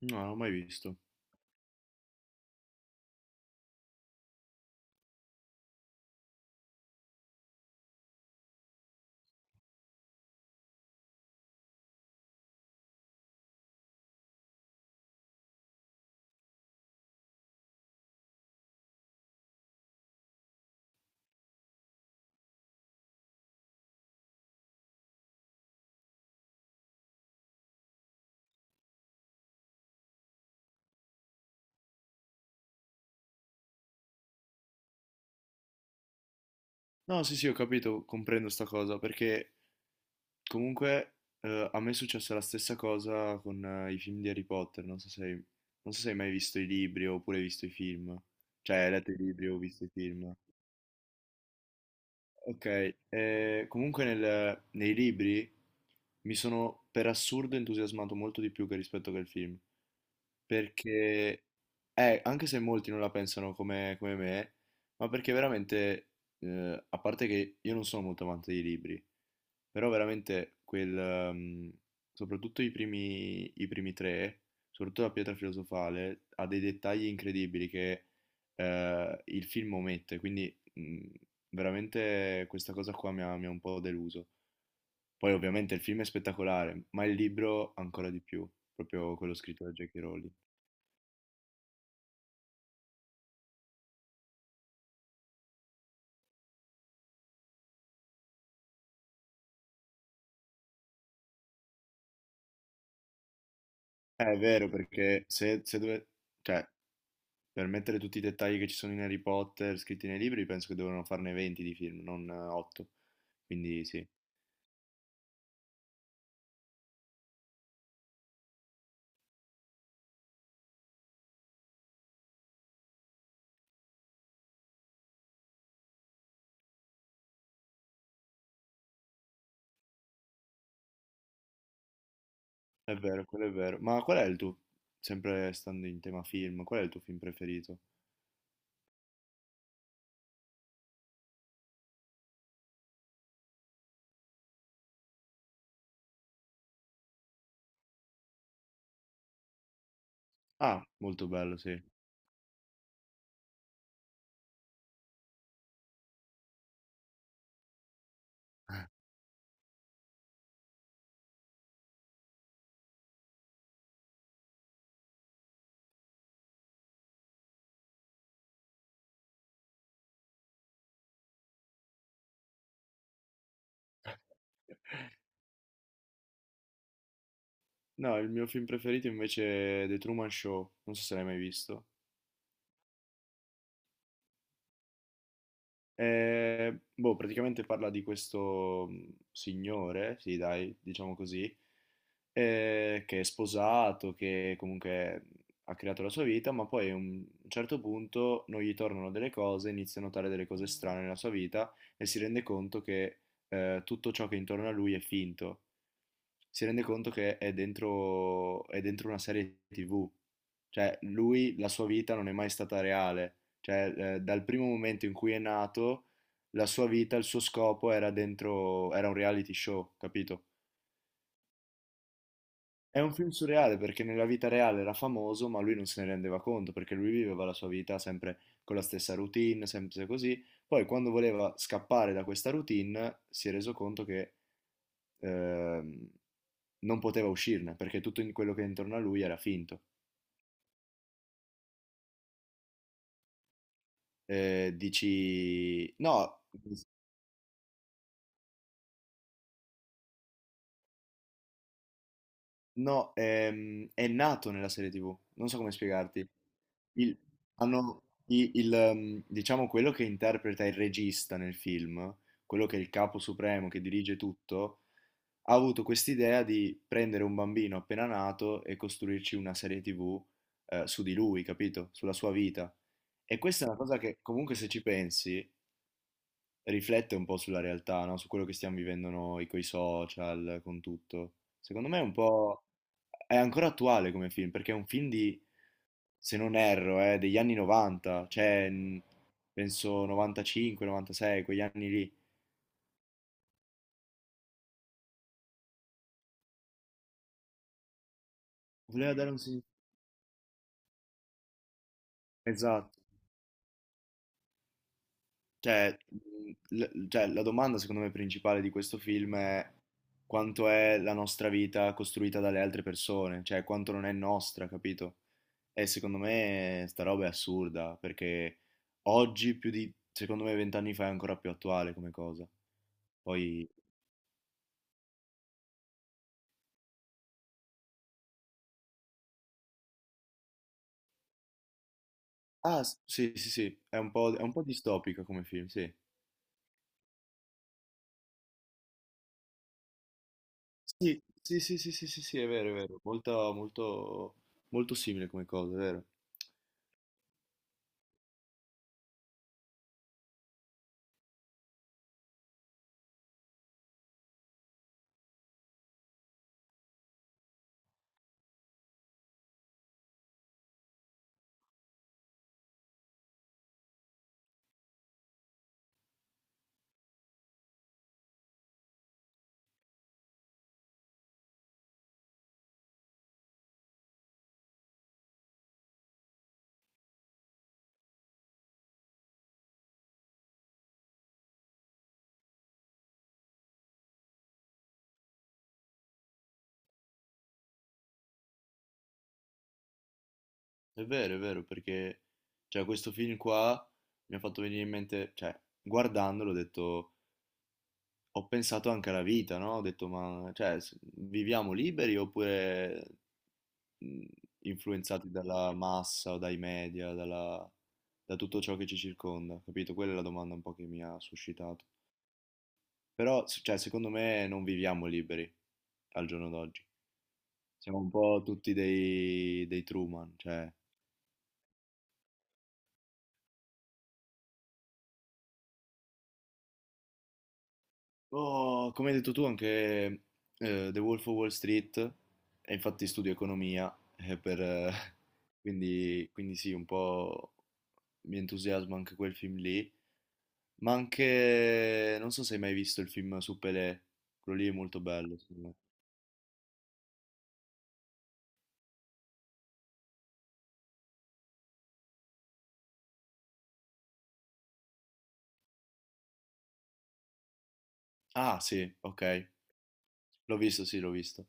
No, non l'ho mai visto. No, sì, sì, ho capito, comprendo sta cosa, perché comunque a me è successa la stessa cosa con i film di Harry Potter, non so se, non so se hai mai visto i libri oppure hai visto i film, cioè hai letto i libri o visto i film. Ok, comunque nei libri mi sono per assurdo entusiasmato molto di più che rispetto che al film, perché anche se molti non la pensano come, come me, ma perché veramente, a parte che io non sono molto amante dei libri, però veramente quel, soprattutto i primi tre, soprattutto la pietra filosofale, ha dei dettagli incredibili che il film omette, quindi veramente questa cosa qua mi ha un po' deluso. Poi ovviamente il film è spettacolare, ma il libro ancora di più, proprio quello scritto da J.K. Rowling. È vero, perché se cioè, per mettere tutti i dettagli che ci sono in Harry Potter scritti nei libri, penso che dovevano farne 20 di film, non 8. Quindi sì. È vero, quello è vero. Ma qual è il tuo, sempre stando in tema film, qual è il tuo film preferito? Ah, molto bello, sì. No, il mio film preferito invece è The Truman Show, non so se l'hai mai visto. Boh, praticamente parla di questo signore, sì, dai, diciamo così, che è sposato, che comunque ha creato la sua vita, ma poi a un certo punto non gli tornano delle cose, inizia a notare delle cose strane nella sua vita e si rende conto che tutto ciò che è intorno a lui è finto. Si rende conto che è dentro una serie TV. Cioè, lui, la sua vita non è mai stata reale. Cioè, dal primo momento in cui è nato, la sua vita, il suo scopo era dentro, era un reality show, capito? È un film surreale perché nella vita reale era famoso, ma lui non se ne rendeva conto perché lui viveva la sua vita sempre con la stessa routine, sempre così. Poi, quando voleva scappare da questa routine, si è reso conto che ehm, non poteva uscirne perché quello che è intorno a lui era finto. Dici, no, no, è nato nella serie TV, non so come spiegarti. Il- hanno, diciamo quello che interpreta il regista nel film, quello che è il capo supremo che dirige tutto, ha avuto quest'idea di prendere un bambino appena nato e costruirci una serie TV su di lui, capito? Sulla sua vita. E questa è una cosa che comunque se ci pensi riflette un po' sulla realtà, no? Su quello che stiamo vivendo noi, con i social, con tutto. Secondo me è un po' è ancora attuale come film, perché è un film di, se non erro, degli anni 90, cioè penso 95, 96, quegli anni lì. Voleva dare un significato. Esatto. Cioè, cioè, la domanda secondo me principale di questo film è quanto è la nostra vita costruita dalle altre persone, cioè quanto non è nostra, capito? E secondo me sta roba è assurda, perché oggi più di, secondo me, 20 anni fa è ancora più attuale come cosa. Poi... Ah, sì, sì, sì, è un po' distopica come film, sì. Sì, sì, sì, sì, sì, sì, sì, è vero, molto, molto, molto simile come cosa, è vero. È vero, è vero, perché cioè, questo film qua mi ha fatto venire in mente, cioè, guardandolo ho detto, ho pensato anche alla vita, no? Ho detto, ma cioè, viviamo liberi oppure mh, influenzati dalla massa o dai media, da tutto ciò che ci circonda, capito? Quella è la domanda un po' che mi ha suscitato. Però, cioè, secondo me non viviamo liberi al giorno d'oggi. Siamo un po' tutti dei, dei Truman, cioè... Oh, come hai detto tu anche The Wolf of Wall Street, e infatti studio economia, quindi, quindi sì, un po' mi entusiasma anche quel film lì, ma anche, non so se hai mai visto il film su Pelé, quello lì è molto bello, secondo me. Ah sì, ok, l'ho visto, sì, l'ho visto.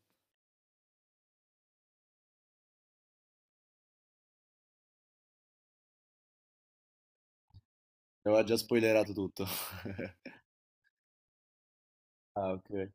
Ti aveva già spoilerato tutto. Ah, ok.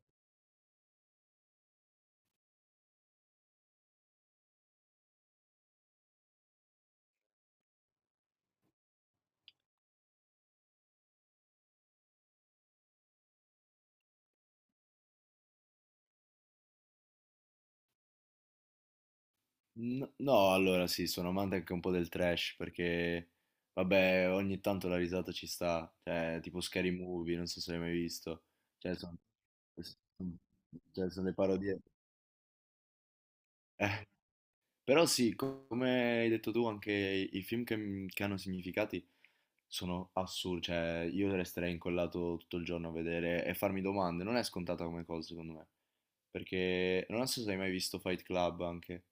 No, allora sì, sono amante anche un po' del trash perché, vabbè, ogni tanto la risata ci sta, cioè, tipo Scary Movie, non so se l'hai mai visto, cioè, sono, cioè, sono le parodie. Eh, però sì, come hai detto tu, anche i film che, che hanno significati sono assurdi, cioè, io resterei incollato tutto il giorno a vedere e farmi domande, non è scontata come cosa, secondo me, perché non so se hai mai visto Fight Club anche.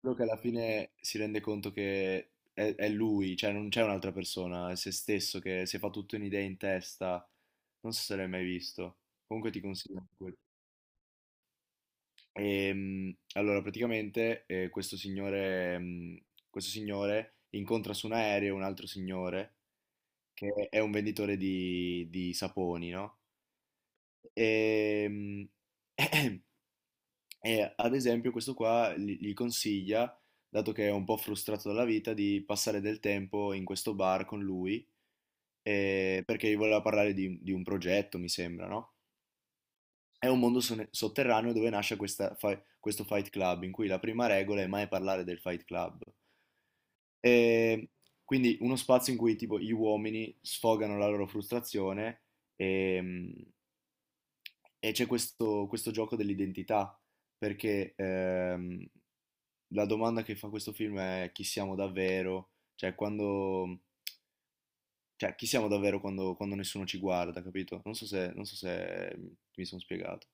Quello che alla fine si rende conto che è lui, cioè non c'è un'altra persona, è se stesso che si fa tutto un'idea in testa. Non so se l'hai mai visto. Comunque ti consiglio anche quello. Allora, praticamente questo signore, questo signore incontra su un aereo un altro signore che è un venditore di saponi, no? Ehm, E, E ad esempio questo qua gli consiglia, dato che è un po' frustrato dalla vita, di passare del tempo in questo bar con lui, perché gli voleva parlare di un progetto, mi sembra, no? È un mondo sotterraneo dove nasce questo Fight Club, in cui la prima regola è mai parlare del Fight Club. E quindi uno spazio in cui tipo gli uomini sfogano la loro frustrazione ehm, e, c'è questo, questo gioco dell'identità, perché la domanda che fa questo film è chi siamo davvero, cioè quando, cioè chi siamo davvero quando, quando nessuno ci guarda, capito? Non so se, non so se mi sono spiegato.